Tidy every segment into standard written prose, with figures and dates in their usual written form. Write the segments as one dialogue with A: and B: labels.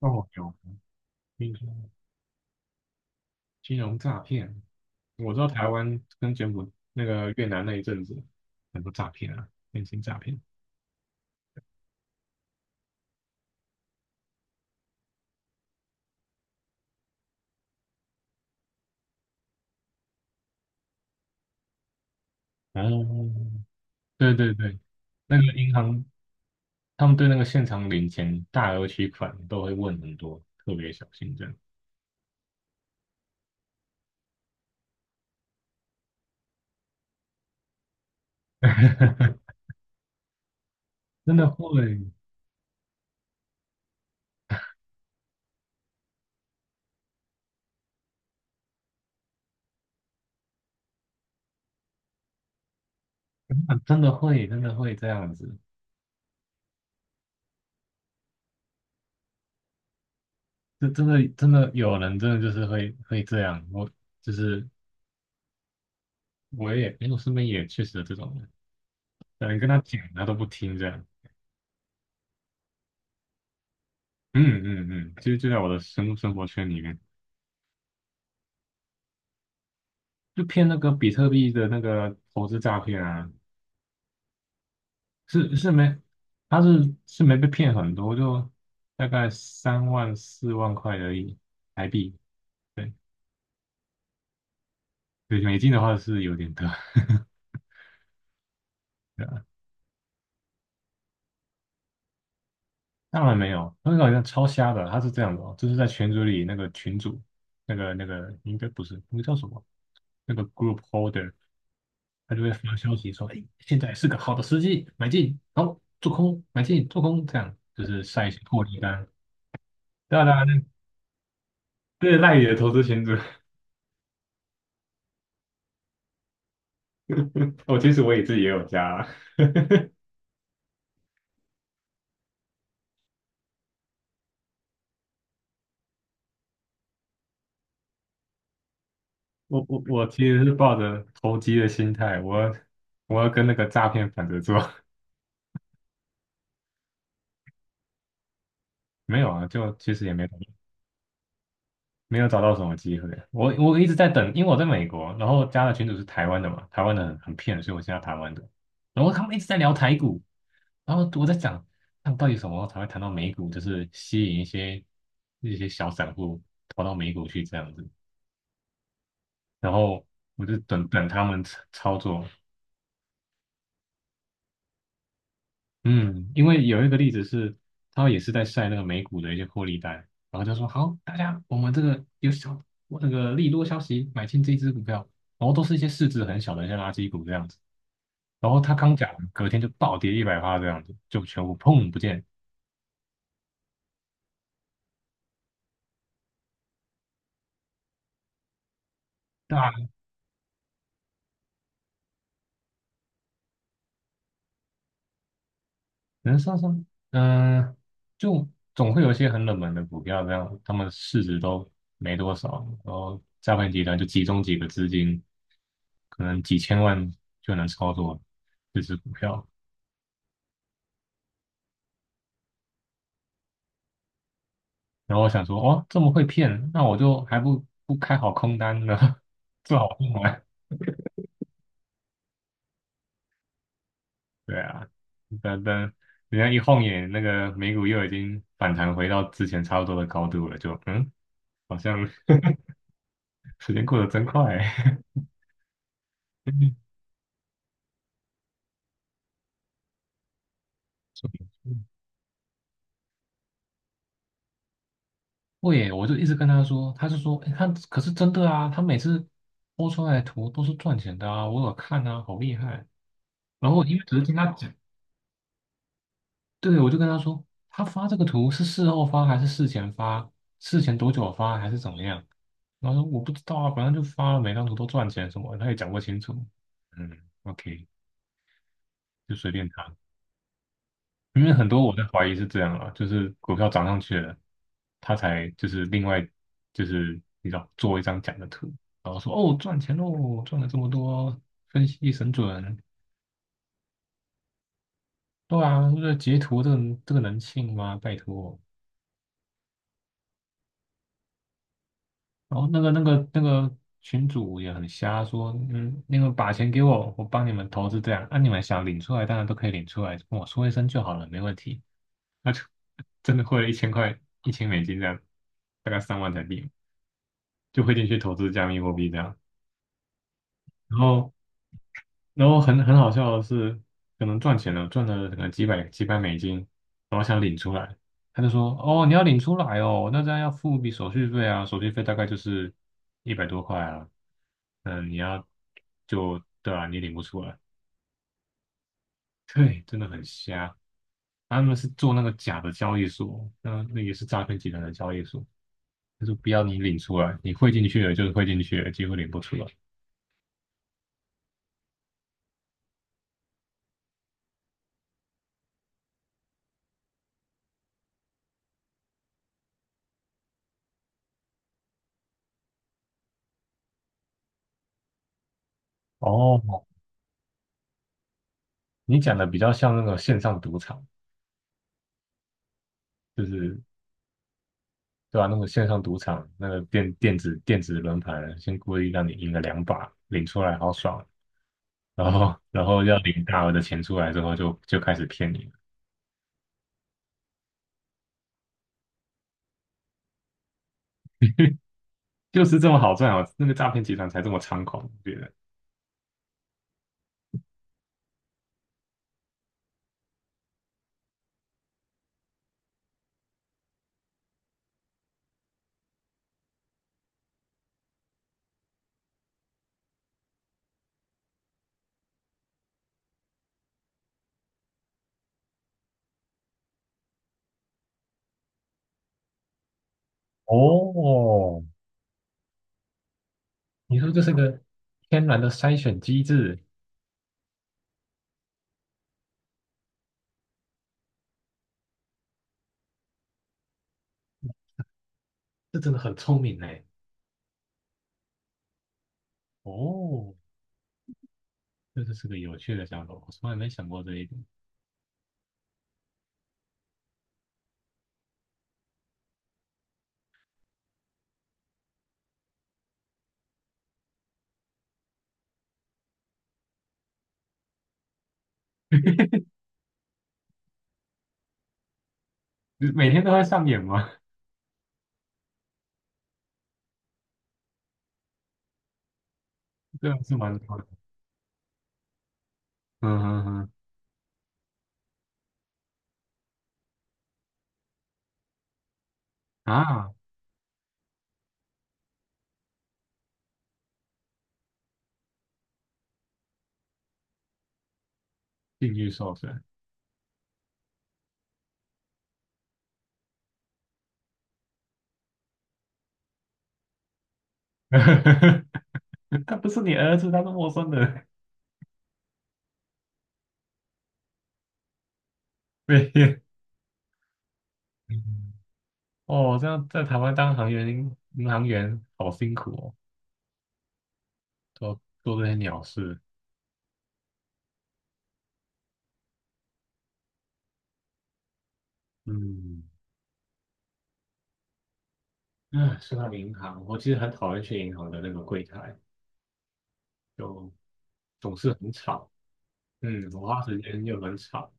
A: 哦，有听说金融诈骗，我知道台湾跟柬埔那个越南那一阵子很多诈骗啊，电信诈骗。哦，对对对，那个银行他们对那个现场领钱、大额取款都会问很多，特别小心这样。真的会，真的真的会，真的会这样子。这真的真的有人真的就是会这样，我就是我也，因为我身边也确实有这种人，但你跟他讲他都不听这样。嗯嗯嗯，其实就在我的生活圈里面，就骗那个比特币的那个投资诈骗啊，是没，他是没被骗很多，就大概三万4万块而已台币，对，对美金的话是有点多，当然没有，那个好像超瞎的，他是这样的哦，就是在群组里那个群主，那个应该不是，那个叫什么？那个 group holder,他就会发消息说，哎，现在是个好的时机，买进，好，做空，买进，做空，这样就是晒一些获利单。当然，对啊，这是赖野的投资群组。我其实我也自己也有加啊我其实是抱着投机的心态，我要跟那个诈骗反着做。没有啊，就其实也没。没有找到什么机会。我一直在等，因为我在美国，然后加的群主是台湾的嘛，台湾的很骗，所以我现在台湾的。然后他们一直在聊台股，然后我在想，他们到底什么时候才会谈到美股，就是吸引一些小散户跑到美股去这样子。然后我就等等他们操作，嗯，因为有一个例子是，他也是在晒那个美股的一些获利单，然后就说好，大家我们这个有小那个利多消息买进这一只股票，然后都是一些市值很小的一些垃圾股这样子，然后他刚讲完隔天就暴跌100趴这样子，就全部砰不见，大人上升。嗯、就总会有一些很冷门的股票这样，他们市值都没多少，然后诈骗集团就集中几个资金，可能几千万就能操作这只股票。然后我想说，哦，这么会骗，那我就还不开好空单呢，做好空单。对啊，等等，人家一晃眼，那个美股又已经反弹回到之前差不多的高度了，就好像 时间过得真快。所以会耶，我就一直跟他说，他就说，诶他可是真的啊，他每次播出来的图都是赚钱的啊，我有看啊，好厉害。然后因为只是听他讲，对，我就跟他说，他发这个图是事后发还是事前发？事前多久发还是怎么样？然后说我不知道啊，反正就发了，每张图都赚钱什么的他也讲不清楚。嗯，OK,就随便他。因为很多我在怀疑是这样啊，就是股票涨上去了，他才就是另外就是你知道做一张假的图，然后说哦赚钱喽，赚了这么多，分析神准。对啊，这截图这个能信吗？拜托。然后那个群主也很瞎，说嗯，那个把钱给我，我帮你们投资这样，啊，你们想领出来，当然都可以领出来，跟我说一声就好了，没问题。那就 真的汇了1000块，1000美金这样，大概3万台币，就汇进去投资加密货币这样。然后，然后,很好笑的是，可能赚钱了，赚了可能几百几百美金，他就说："哦，你要领出来哦，那这样要付一笔手续费啊，手续费大概就是100多块啊。嗯，你要就对啊，你领不出来，对，真的很瞎。他们是做那个假的交易所，那也是诈骗集团的交易所。他说不要你领出来，你汇进去了就是汇进去了，结果领不出来。哦，你讲的比较像那个线上赌场，就是对吧、那个线上赌场，那个电子轮盘，先故意让你赢了两把，领出来好爽。"然后要领大额的钱出来之后就开始骗你了，就是这么好赚哦，那个诈骗集团才这么猖狂，我觉得。哦，你说这是个天然的筛选机制，这真的很聪明哎！哦，这就是个有趣的想法，我从来没想过这一点。你每天都在上演吗？这样是蛮多的。嗯嗯嗯啊，境遇受损，他不是你儿子，他是陌生人。被骗。嗯哦，这样在台湾当行员、银行员好辛苦哦，做做这些鸟事。嗯，啊，说到银行，我其实很讨厌去银行的那个柜台，就总是很吵。嗯，我花时间又很吵，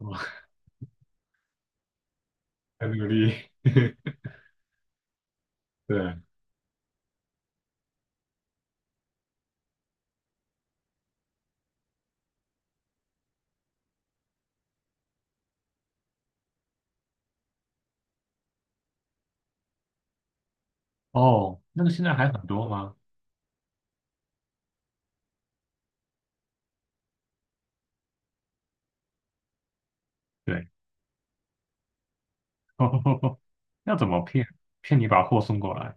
A: 我 很努力。对，哦，那个现在还很多吗？对，哦要怎么骗？骗你把货送过来，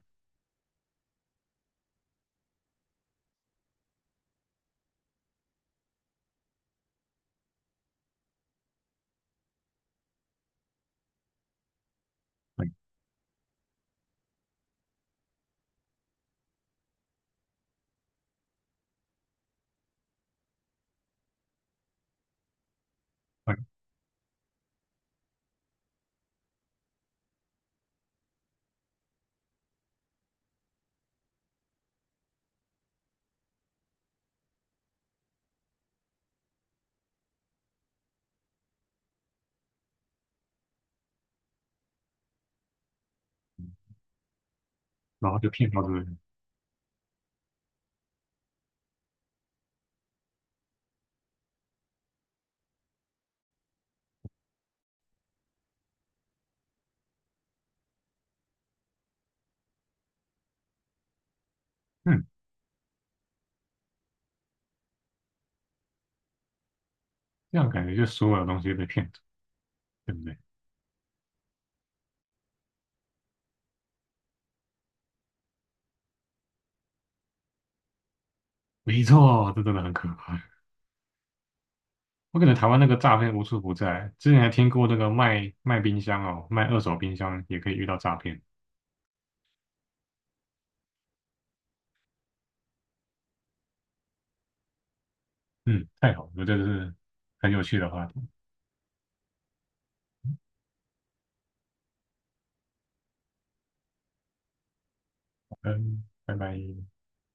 A: 嗯嗯然后就骗到这边。嗯，这样感觉就所有东西都被骗走，对不对？没错，这真的很可怕。我感觉台湾那个诈骗无处不在，之前还听过那个卖卖冰箱哦，卖二手冰箱也可以遇到诈骗。嗯，太好了，这个是很有趣的话题。嗯，拜拜。